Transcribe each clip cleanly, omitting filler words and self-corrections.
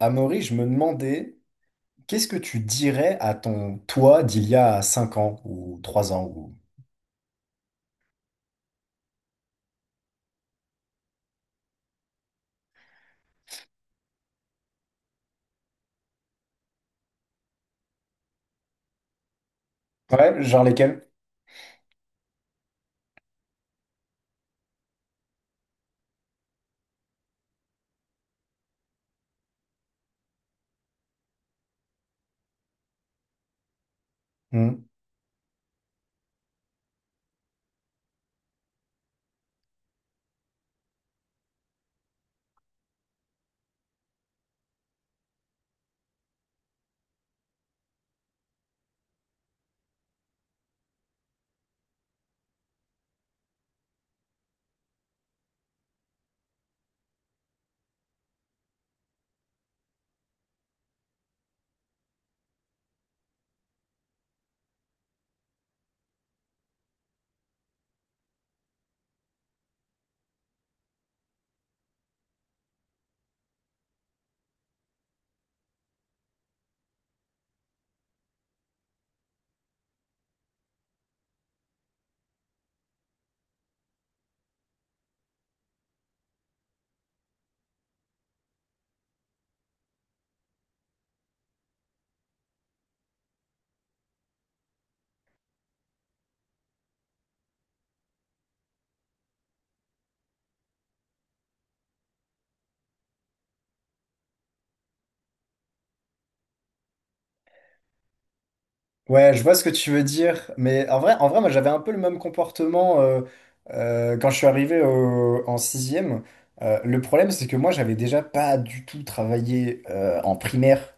Amaury, je me demandais, qu'est-ce que tu dirais à ton toi d'il y a 5 ans ou 3 ans ou... Ouais, genre lesquels? Hmm. Ouais, je vois ce que tu veux dire, mais en vrai, moi j'avais un peu le même comportement quand je suis arrivé en sixième. Le problème, c'est que moi j'avais déjà pas du tout travaillé en primaire.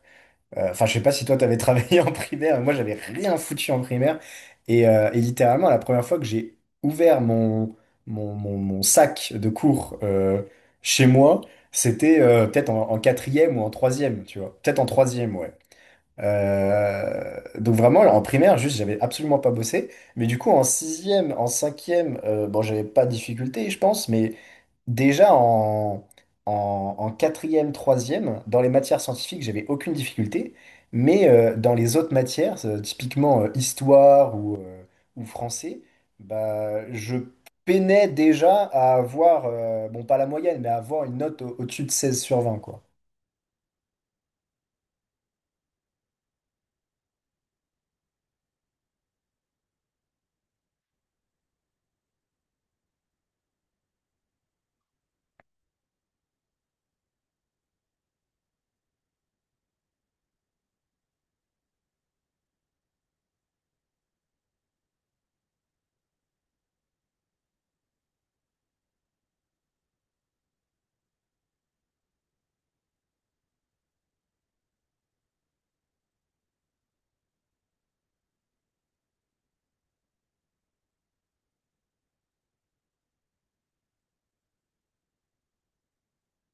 Enfin, je sais pas si toi, t'avais travaillé en primaire, moi, j'avais rien foutu en primaire. Et littéralement, la première fois que j'ai ouvert mon sac de cours chez moi, c'était peut-être en quatrième ou en troisième, tu vois. Peut-être en troisième, ouais. Donc vraiment, en primaire, juste, j'avais absolument pas bossé. Mais du coup, en sixième, en cinquième, bon, j'avais pas de difficulté, je pense, mais déjà en quatrième, troisième, dans les matières scientifiques, j'avais aucune difficulté, mais dans les autres matières, typiquement histoire ou français, bah, je peinais déjà à avoir, bon pas la moyenne, mais à avoir une note au-dessus de 16/20, quoi.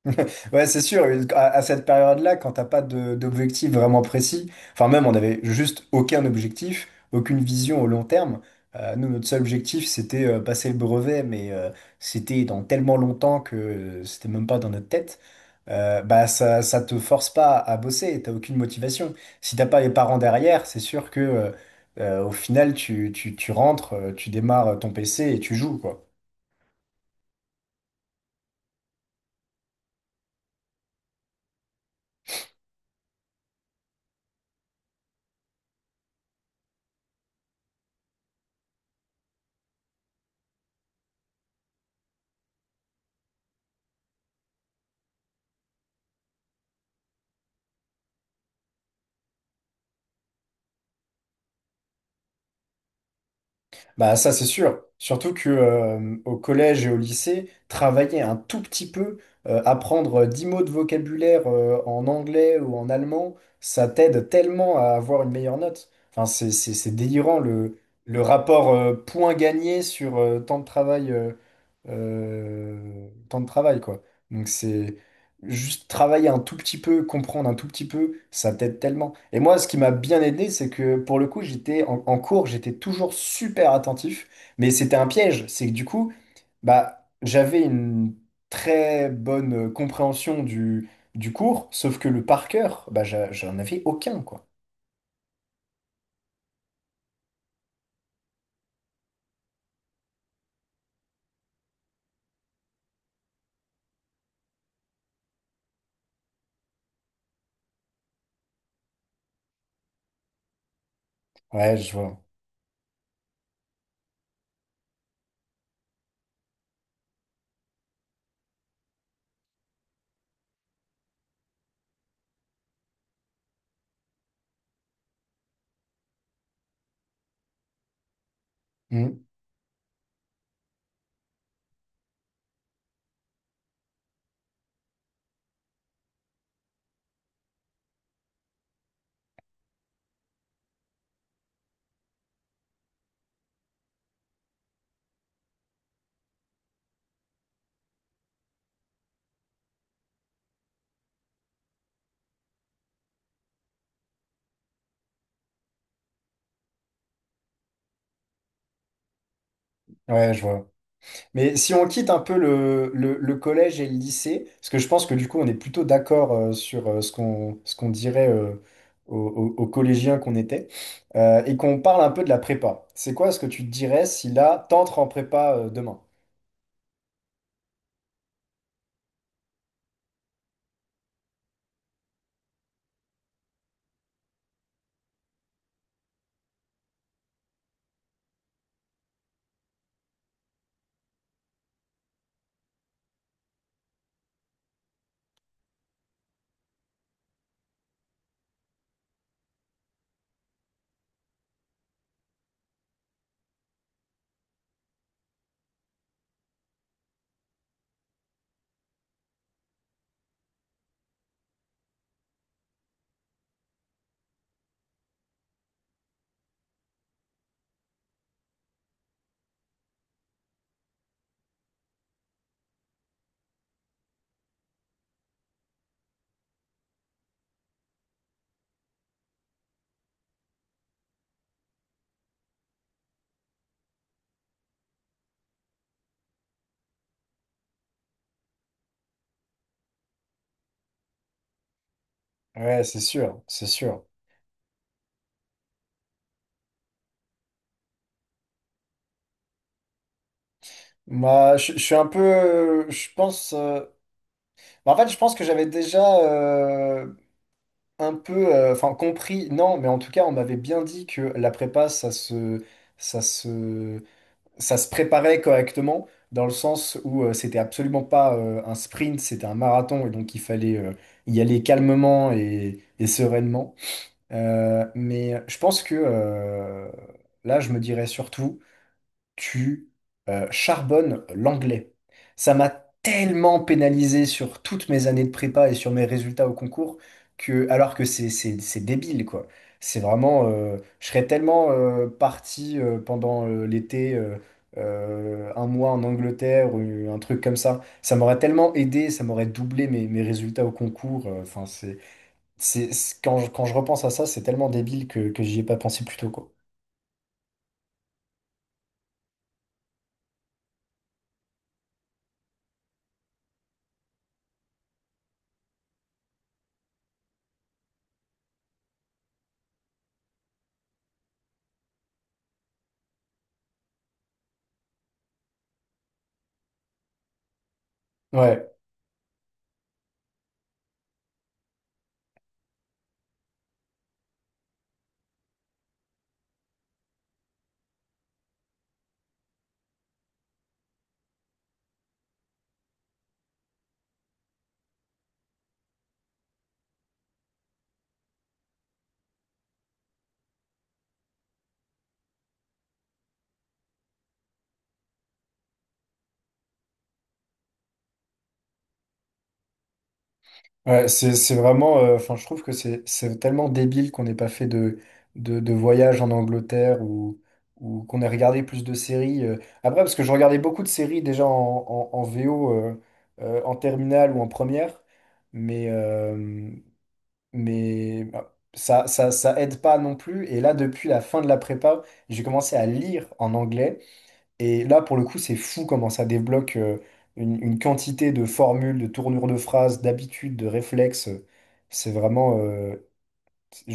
Ouais, c'est sûr. À cette période-là, quand t'as pas d'objectif vraiment précis, enfin même on avait juste aucun objectif, aucune vision au long terme. Nous, notre seul objectif, c'était passer le brevet, mais c'était dans tellement longtemps que c'était même pas dans notre tête. Bah ça, ça te force pas à bosser, t'as aucune motivation. Si t'as pas les parents derrière, c'est sûr que au final, tu rentres, tu démarres ton PC et tu joues, quoi. Bah ça c'est sûr. Surtout que au collège et au lycée, travailler un tout petit peu, apprendre 10 mots de vocabulaire en anglais ou en allemand, ça t'aide tellement à avoir une meilleure note. Enfin, c'est délirant le rapport point gagné sur temps de travail quoi. Donc c'est juste travailler un tout petit peu, comprendre un tout petit peu, ça t'aide tellement. Et moi, ce qui m'a bien aidé, c'est que pour le coup, j'étais en cours, j'étais toujours super attentif, mais c'était un piège. C'est que du coup, bah, j'avais une très bonne compréhension du cours, sauf que le par cœur, bah, j'en avais aucun, quoi. Ouais, je vois. Mhm. Ouais, je vois. Mais si on quitte un peu le collège et le lycée, parce que je pense que du coup on est plutôt d'accord sur ce qu'on dirait aux collégiens qu'on était, et qu'on parle un peu de la prépa. C'est quoi ce que tu te dirais si là t'entres en prépa demain? Ouais, c'est sûr, c'est sûr. Moi, je suis un peu, je pense, bah, en fait, je pense que j'avais déjà un peu, enfin, compris, non, mais en tout cas, on m'avait bien dit que la prépa, ça se ça se préparait correctement dans le sens où c'était absolument pas un sprint, c'était un marathon et donc il fallait y aller calmement et sereinement. Mais je pense que là, je me dirais surtout tu charbonnes l'anglais. Ça m'a tellement pénalisé sur toutes mes années de prépa et sur mes résultats au concours que, alors que c'est débile, quoi. C'est vraiment, je serais tellement parti pendant l'été, un mois en Angleterre ou un truc comme ça. Ça m'aurait tellement aidé, ça m'aurait doublé mes résultats au concours. Enfin, quand je repense à ça, c'est tellement débile que j'y ai pas pensé plus tôt, quoi. Ouais. Ouais, c'est vraiment, enfin, je trouve que c'est tellement débile qu'on n'ait pas fait de voyage en Angleterre ou qu'on ait regardé plus de séries. Après, parce que je regardais beaucoup de séries déjà en, VO, en terminale ou en première, mais, euh, mais bah, ça aide pas non plus. Et là, depuis la fin de la prépa, j'ai commencé à lire en anglais. Et là, pour le coup, c'est fou comment ça débloque une quantité de formules, de tournures de phrases, d'habitudes, de réflexes. C'est vraiment.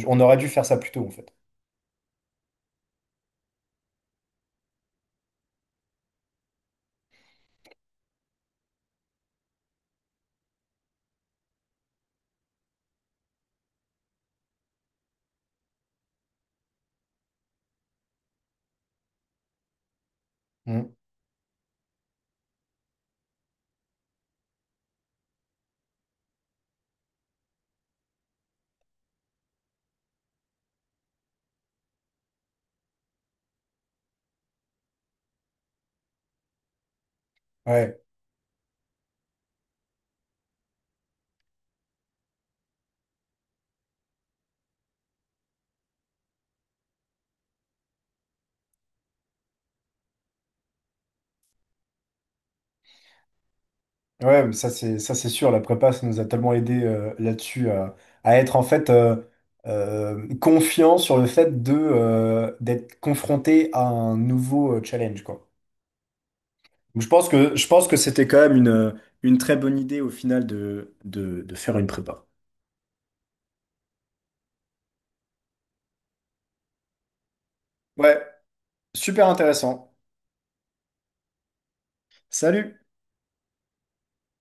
On aurait dû faire ça plus tôt, en fait. Mm. Ouais, ouais, mais ça, c'est sûr. La prépa, ça nous a tellement aidé là-dessus à être, en fait, confiant sur le fait d'être confronté à un nouveau challenge, quoi. Donc, je pense que c'était quand même une très bonne idée, au final, de faire une prépa. Ouais. Super intéressant. Salut!